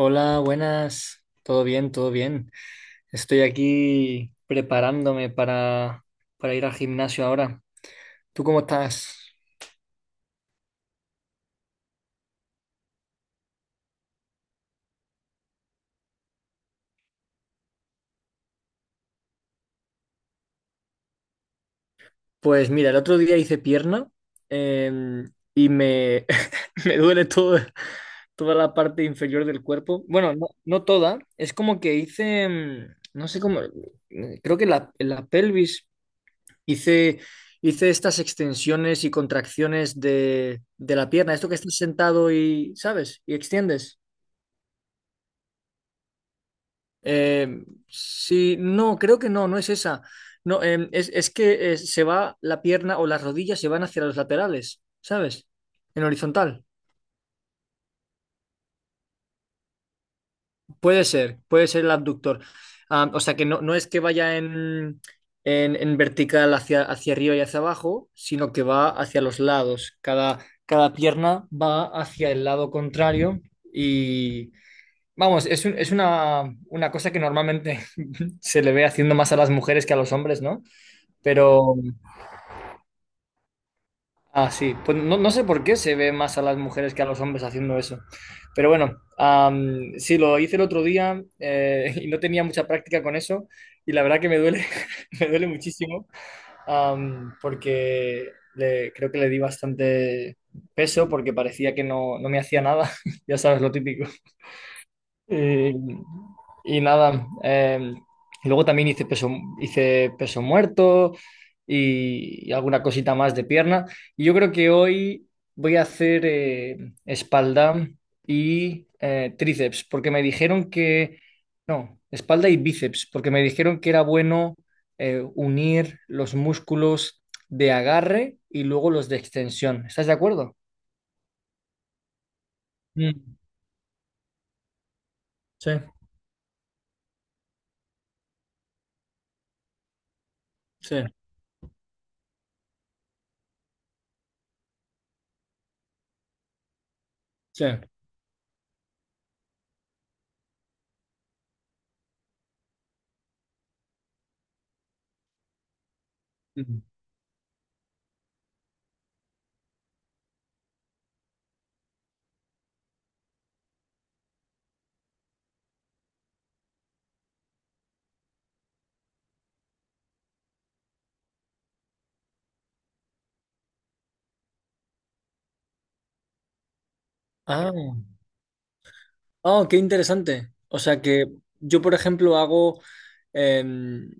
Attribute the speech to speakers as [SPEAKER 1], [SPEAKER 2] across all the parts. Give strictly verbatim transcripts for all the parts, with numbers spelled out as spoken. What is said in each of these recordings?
[SPEAKER 1] Hola, buenas. Todo bien, todo bien. Estoy aquí preparándome para, para ir al gimnasio ahora. ¿Tú cómo estás? Pues mira, el otro día hice pierna em, y me, me duele todo, toda la parte inferior del cuerpo. Bueno, no, no toda. Es como que hice, em, no sé cómo, eh, creo que la, en la pelvis hice, hice estas extensiones y contracciones de, de la pierna. Esto que estás sentado y, ¿sabes? Y extiendes. Eh, sí, no, creo que no, no es esa. No, em, es, es que eh, se va la pierna o las rodillas se van hacia los laterales, ¿sabes? En horizontal. Puede ser, puede ser el abductor. Ah, o sea que no, no es que vaya en, en, en vertical hacia, hacia arriba y hacia abajo, sino que va hacia los lados. Cada, cada pierna va hacia el lado contrario y... Vamos, es un- es una, una cosa que normalmente se le ve haciendo más a las mujeres que a los hombres, ¿no? Pero, ah, sí, pues no, no sé por qué se ve más a las mujeres que a los hombres haciendo eso. Pero bueno, am, sí, lo hice el otro día eh, y no tenía mucha práctica con eso y la verdad que me duele, me duele muchísimo am, porque le- creo que le di bastante peso porque parecía que no, no me hacía nada, ya sabes, lo típico. Eh, y nada, eh, y luego también hice peso, hice peso muerto y, y alguna cosita más de pierna. Y yo creo que hoy voy a hacer eh, espalda y eh, tríceps, porque me dijeron que, no, espalda y bíceps, porque me dijeron que era bueno eh, unir los músculos de agarre y luego los de extensión. ¿Estás de acuerdo? Mm, sí, sí, sí. Mm. Ah. Oh, qué interesante. O sea que yo, por ejemplo, hago em,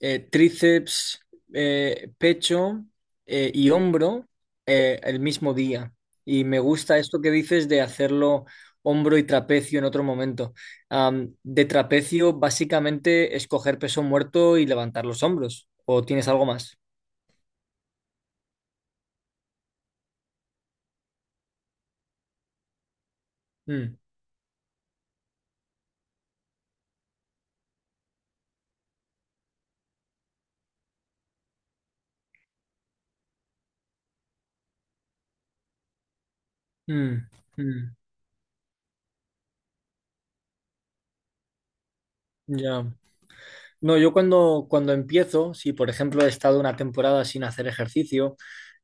[SPEAKER 1] eh, tríceps, eh, pecho eh, y hombro eh, el mismo día. Y me gusta esto que dices de hacerlo hombro y trapecio en otro momento. Am, de trapecio, básicamente, escoger peso muerto y levantar los hombros. ¿O tienes algo más? Mm, mm, mm, ya. No, yo cuando, cuando empiezo, si por ejemplo he estado una temporada sin hacer ejercicio.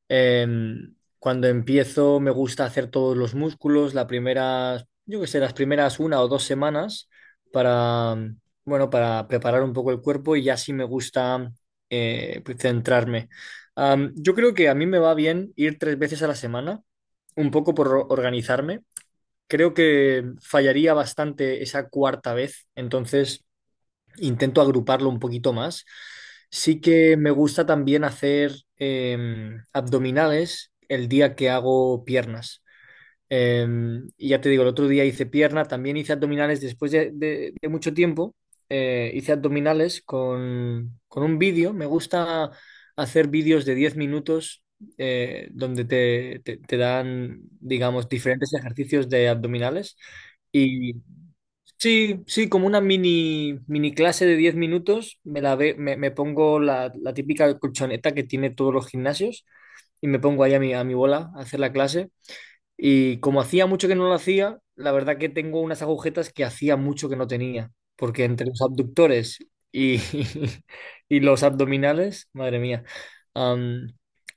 [SPEAKER 1] Em, cuando empiezo me gusta hacer todos los músculos, las primeras, yo qué sé, las primeras una o dos semanas para, mm, bueno, para preparar un poco el cuerpo, y ya sí me gusta eh, pues, centrarme. Am, yo creo que a mí me va bien ir tres veces a la semana, un poco por organizarme. Creo que fallaría bastante esa cuarta vez, entonces intento agruparlo un poquito más. Sí que me gusta también hacer em, abdominales el día que hago piernas. Em, y ya te digo, el otro día hice pierna, también hice abdominales después de, de- de mucho tiempo. Eh, hice abdominales con, con un vídeo. Me gusta hacer vídeos de diez minutos eh, donde te, te te dan, digamos, diferentes ejercicios de abdominales. Sí, sí, como una mini, mini clase de diez minutos, me, la ve- me, me pongo la, la típica colchoneta que tiene todos los gimnasios y me pongo ahí a mi, a mi bola a hacer la clase. Y como hacía mucho que no lo hacía, la verdad que tengo unas agujetas que hacía mucho que no tenía, porque entre los abductores y, y los abdominales, madre mía. Am,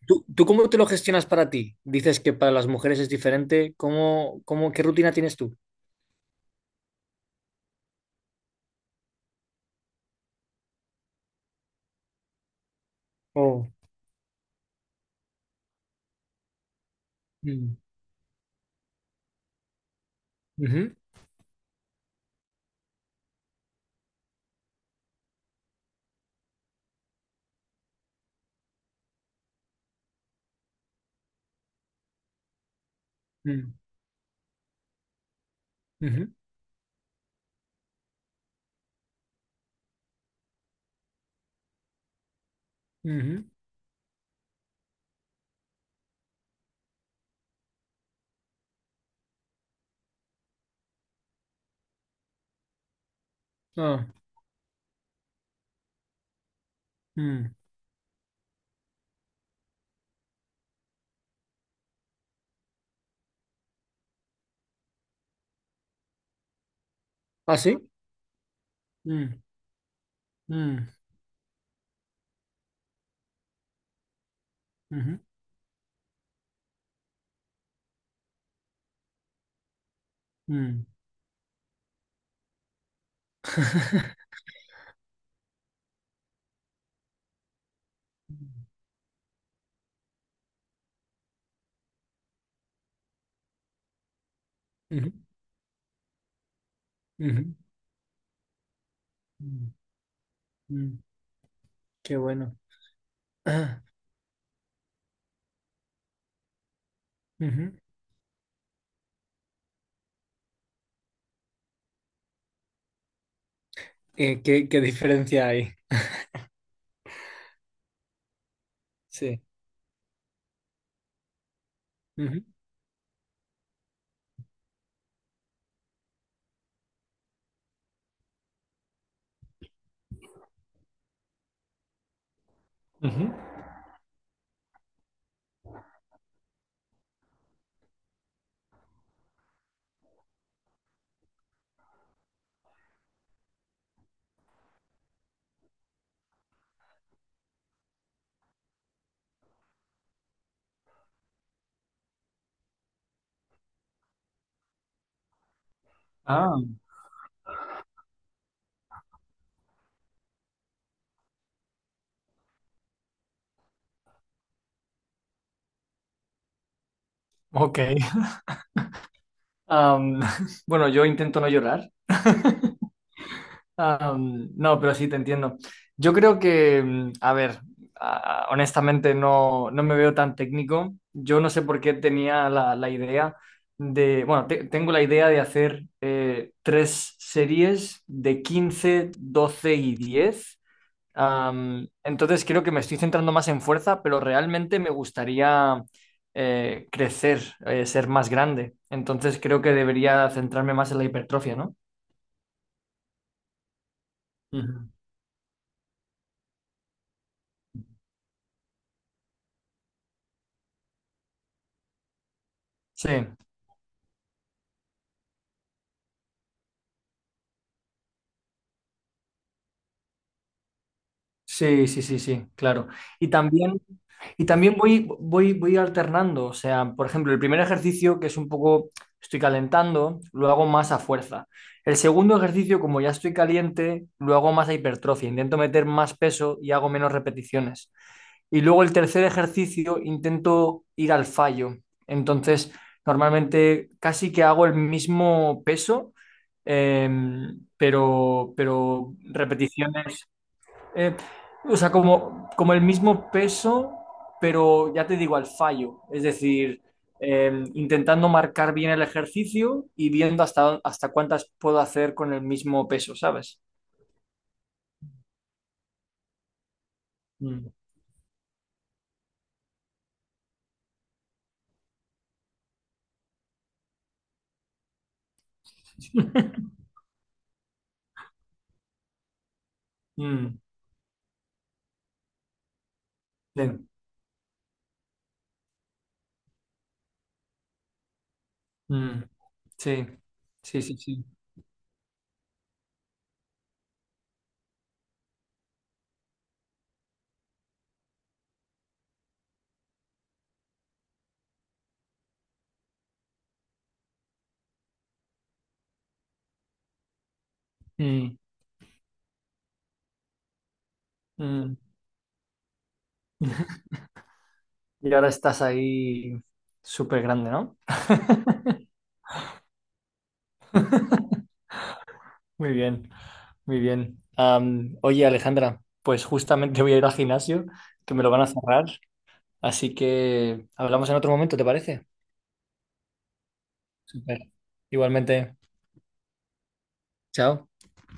[SPEAKER 1] ¿tú, tú cómo te lo gestionas para ti? Dices que para las mujeres es diferente. ¿Cómo, cómo, qué rutina tienes tú? Oh. Mm, ujú, mm. Ujú, ujú. Ah, mm. ¿Ah, sí? Mm, mm, ujú, mm. Ujú, ujú, mm, mm. Qué bueno. Ah, ujú. Eh, ¿qué, qué diferencia hay? Sí. Ujú, ujú. Ah, ok. Am, bueno, yo intento no llorar. Ah, mm, no, pero sí te entiendo. Yo creo que, mm, a ver, ah, honestamente no, no me veo tan técnico. Yo no sé por qué tenía la, la idea de, bueno, te- tengo la idea de hacer eh, tres series de quince doce y diez. Am, entonces creo que me estoy centrando más en fuerza, pero realmente me gustaría eh, crecer, eh, ser más grande. Entonces creo que debería centrarme más en la hipertrofia, ¿no? Ujú. Sí. Sí, sí, sí, sí, claro. Y también, y también voy, voy, voy alternando. O sea, por ejemplo, el primer ejercicio, que es un poco, estoy calentando, lo hago más a fuerza. El segundo ejercicio, como ya estoy caliente, lo hago más a hipertrofia. Intento meter más peso y hago menos repeticiones. Y luego el tercer ejercicio, intento ir al fallo. Entonces, normalmente casi que hago el mismo peso, em, pero, pero repeticiones. Eh, o sea, como, como el mismo peso, pero ya te digo, al fallo. Es decir, eh, intentando marcar bien el ejercicio y viendo hasta, hasta cuántas puedo hacer con el mismo peso, ¿sabes? Mm, mm, bien, mm, sí, sí, sí, sí. Mm, mm. Y ahora estás ahí súper grande, ¿no? Muy bien, muy bien. Am, oye, Alejandra, pues justamente voy a ir al gimnasio, que me lo van a cerrar. Así que hablamos en otro momento, ¿te parece? Súper. Igualmente, chao.